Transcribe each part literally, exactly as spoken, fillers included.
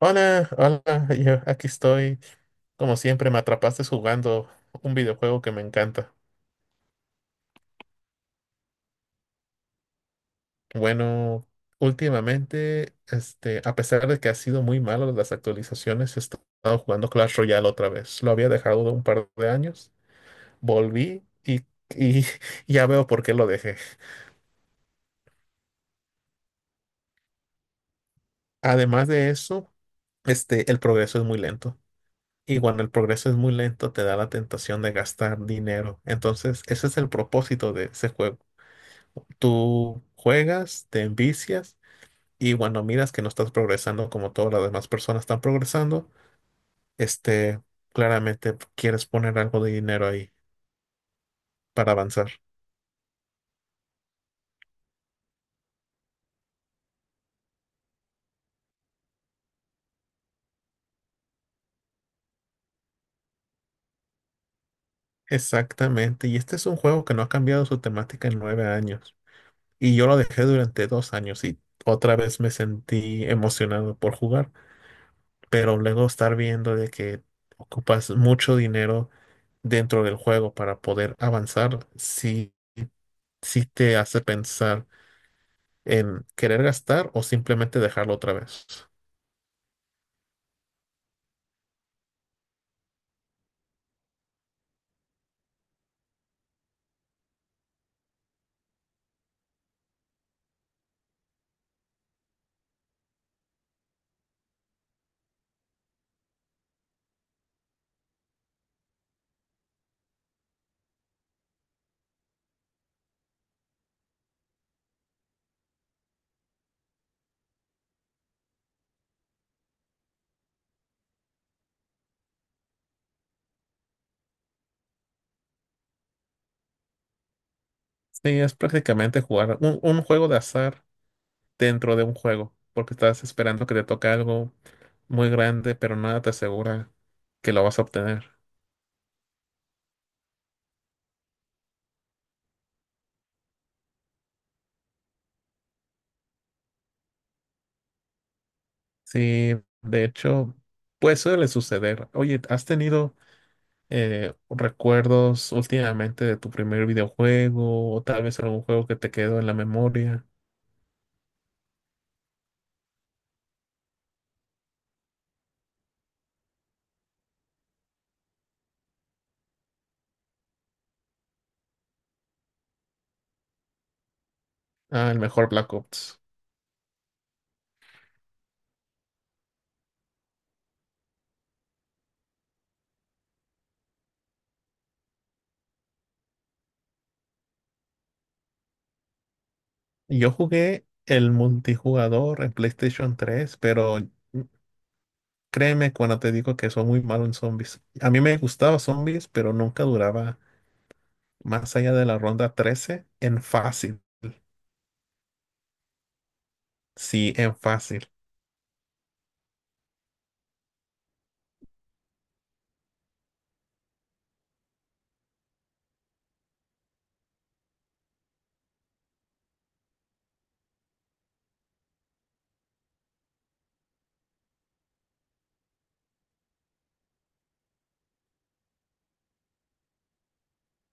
Hola, hola, yo aquí estoy. Como siempre, me atrapaste jugando un videojuego que me encanta. Bueno, últimamente, este, a pesar de que ha sido muy malo las actualizaciones, he estado jugando Clash Royale otra vez. Lo había dejado de un par de años, volví y, y ya veo por qué lo dejé. Además de eso, este, el progreso es muy lento. Y cuando el progreso es muy lento, te da la tentación de gastar dinero. Entonces, ese es el propósito de ese juego. Tú juegas, te envicias y cuando miras que no estás progresando como todas las demás personas están progresando, este, claramente quieres poner algo de dinero ahí para avanzar. Exactamente, y este es un juego que no ha cambiado su temática en nueve años. Y yo lo dejé durante dos años y otra vez me sentí emocionado por jugar, pero luego estar viendo de que ocupas mucho dinero dentro del juego para poder avanzar, sí, sí te hace pensar en querer gastar o simplemente dejarlo otra vez. Sí, es prácticamente jugar un, un juego de azar dentro de un juego, porque estás esperando que te toque algo muy grande, pero nada te asegura que lo vas a obtener. Sí, de hecho, pues suele suceder. Oye, ¿has tenido eh, recuerdos últimamente de tu primer videojuego o tal vez algún juego que te quedó en la memoria? Ah, el mejor Black Ops. Yo jugué el multijugador en PlayStation tres, pero créeme cuando te digo que soy muy malo en zombies. A mí me gustaba zombies, pero nunca duraba más allá de la ronda trece en fácil. Sí, en fácil.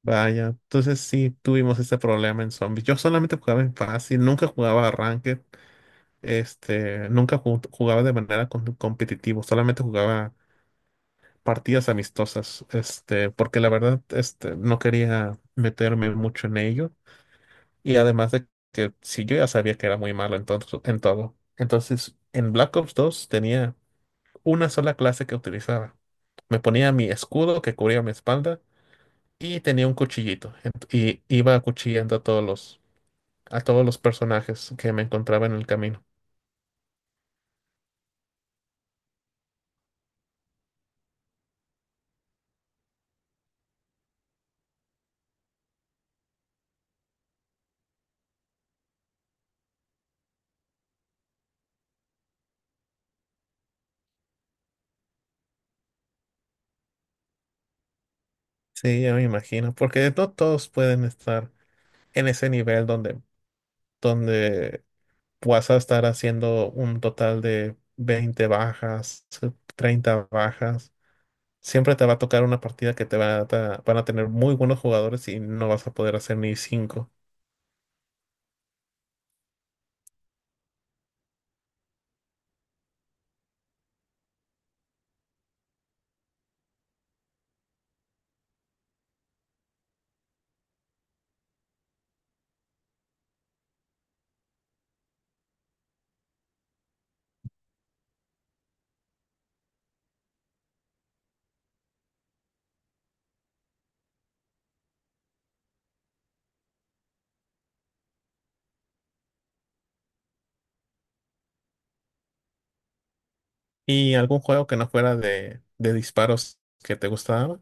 Vaya, entonces sí tuvimos ese problema en zombies. Yo solamente jugaba en fácil, nunca jugaba ranked, este, nunca ju- jugaba de manera com- competitiva, solamente jugaba partidas amistosas, este, porque la verdad, este, no quería meterme mucho en ello. Y además de que si yo ya sabía que era muy malo en todo, en todo. Entonces, en Black Ops dos tenía una sola clase que utilizaba. Me ponía mi escudo que cubría mi espalda y tenía un cuchillito. Ent- Y iba acuchillando a todos los, a todos los personajes que me encontraba en el camino. Sí, ya me imagino, porque no todos pueden estar en ese nivel donde, donde vas a estar haciendo un total de veinte bajas, treinta bajas. Siempre te va a tocar una partida que te va a ta- van a tener muy buenos jugadores y no vas a poder hacer ni cinco. ¿Y algún juego que no fuera de, de disparos que te gustaba?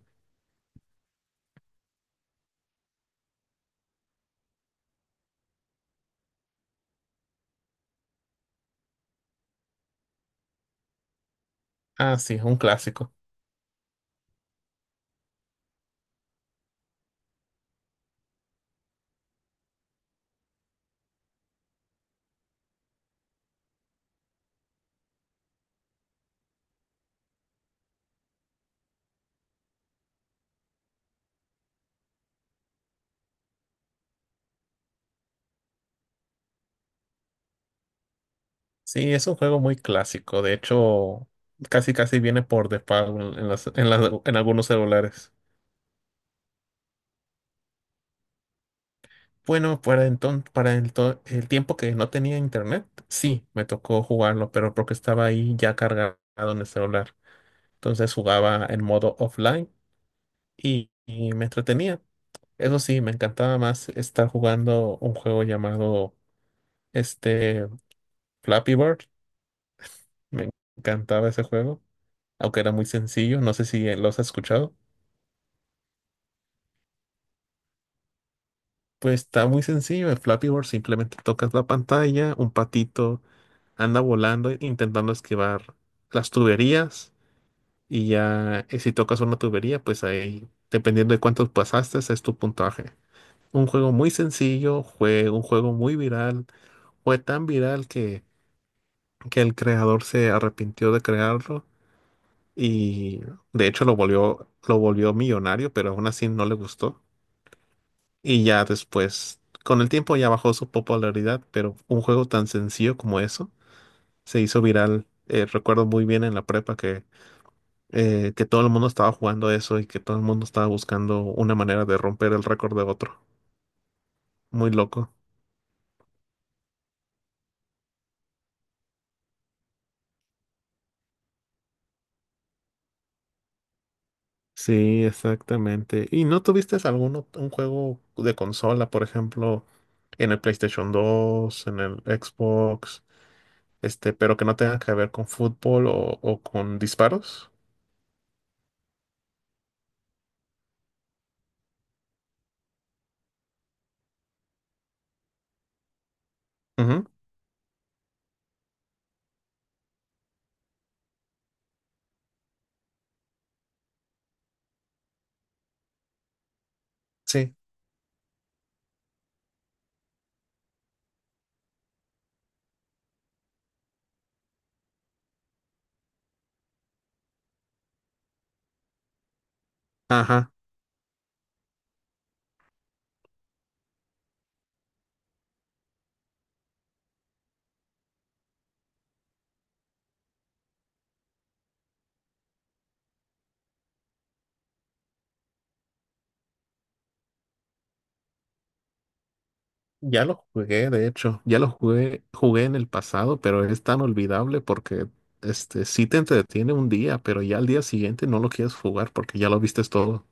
Ah, sí, un clásico. Sí, es un juego muy clásico. De hecho, casi casi viene por default en las- en las- en algunos celulares. Bueno, para enton- para el, to- el tiempo que no tenía internet, sí, me tocó jugarlo, pero porque estaba ahí ya cargado en el celular. Entonces jugaba en modo offline y y me entretenía. Eso sí, me encantaba más estar jugando un juego llamado este Flappy Bird. Me encantaba ese juego, aunque era muy sencillo. No sé si eh, lo has escuchado. Pues está muy sencillo. En Flappy Bird simplemente tocas la pantalla, un patito anda volando e- intentando esquivar las tuberías y ya eh, si tocas una tubería, pues ahí, dependiendo de cuántos pasaste, es tu puntaje. Un juego muy sencillo, fue un juego muy viral, fue tan viral que que el creador se arrepintió de crearlo y de hecho lo volvió, lo volvió millonario, pero aún así no le gustó. Y ya después, con el tiempo ya bajó su popularidad, pero un juego tan sencillo como eso se hizo viral. Eh, recuerdo muy bien en la prepa que, eh, que todo el mundo estaba jugando eso y que todo el mundo estaba buscando una manera de romper el récord de otro. Muy loco. Sí, exactamente. ¿Y no tuviste algún ot- un juego de consola, por ejemplo, en el PlayStation dos, en el Xbox, este, pero que no tenga que ver con fútbol o, o con disparos? Ujú. Sí. Ajá. Ya lo jugué, de hecho. Ya lo jugué, jugué en el pasado, pero es tan olvidable porque este sí te entretiene un día, pero ya al día siguiente no lo quieres jugar porque ya lo vistes todo.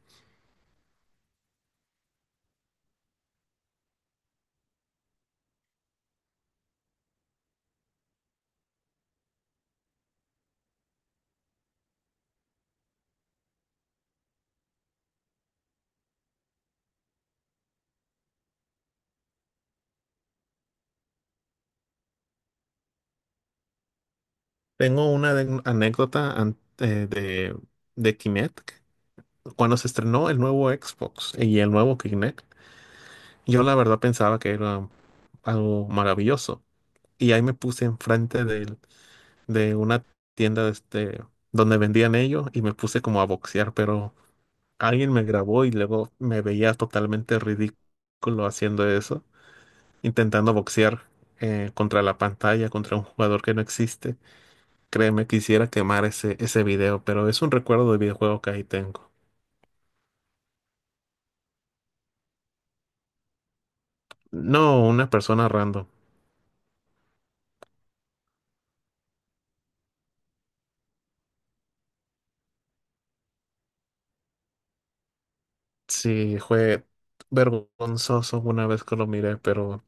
Tengo una de- anécdota an- eh, de, de, Kinect. Cuando se estrenó el nuevo Xbox y el nuevo Kinect, yo la verdad pensaba que era algo maravilloso. Y ahí me puse enfrente del- de una tienda este, donde vendían ellos y me puse como a boxear, pero alguien me grabó y luego me veía totalmente ridículo haciendo eso, intentando boxear eh, contra la pantalla, contra un jugador que no existe. Créeme, quisiera quemar ese, ese video, pero es un recuerdo de videojuego que ahí tengo. No, una persona random. Sí, fue vergonzoso una vez que lo miré, pero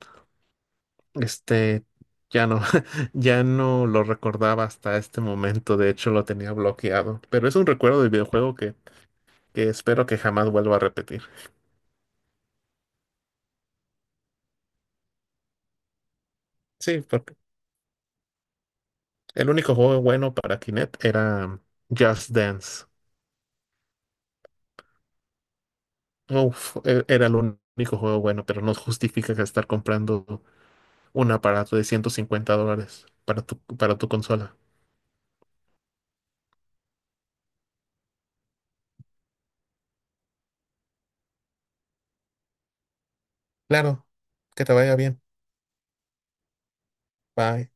este ya no, ya no lo recordaba hasta este momento. De hecho, lo tenía bloqueado. Pero es un recuerdo del videojuego que, que espero que jamás vuelva a repetir. Sí, porque el único juego bueno para Kinect era Just Dance. Uf, e- era el único juego bueno, pero no justifica que estar comprando un aparato de ciento cincuenta dólares para tu, para tu consola. Claro, que te vaya bien. Bye.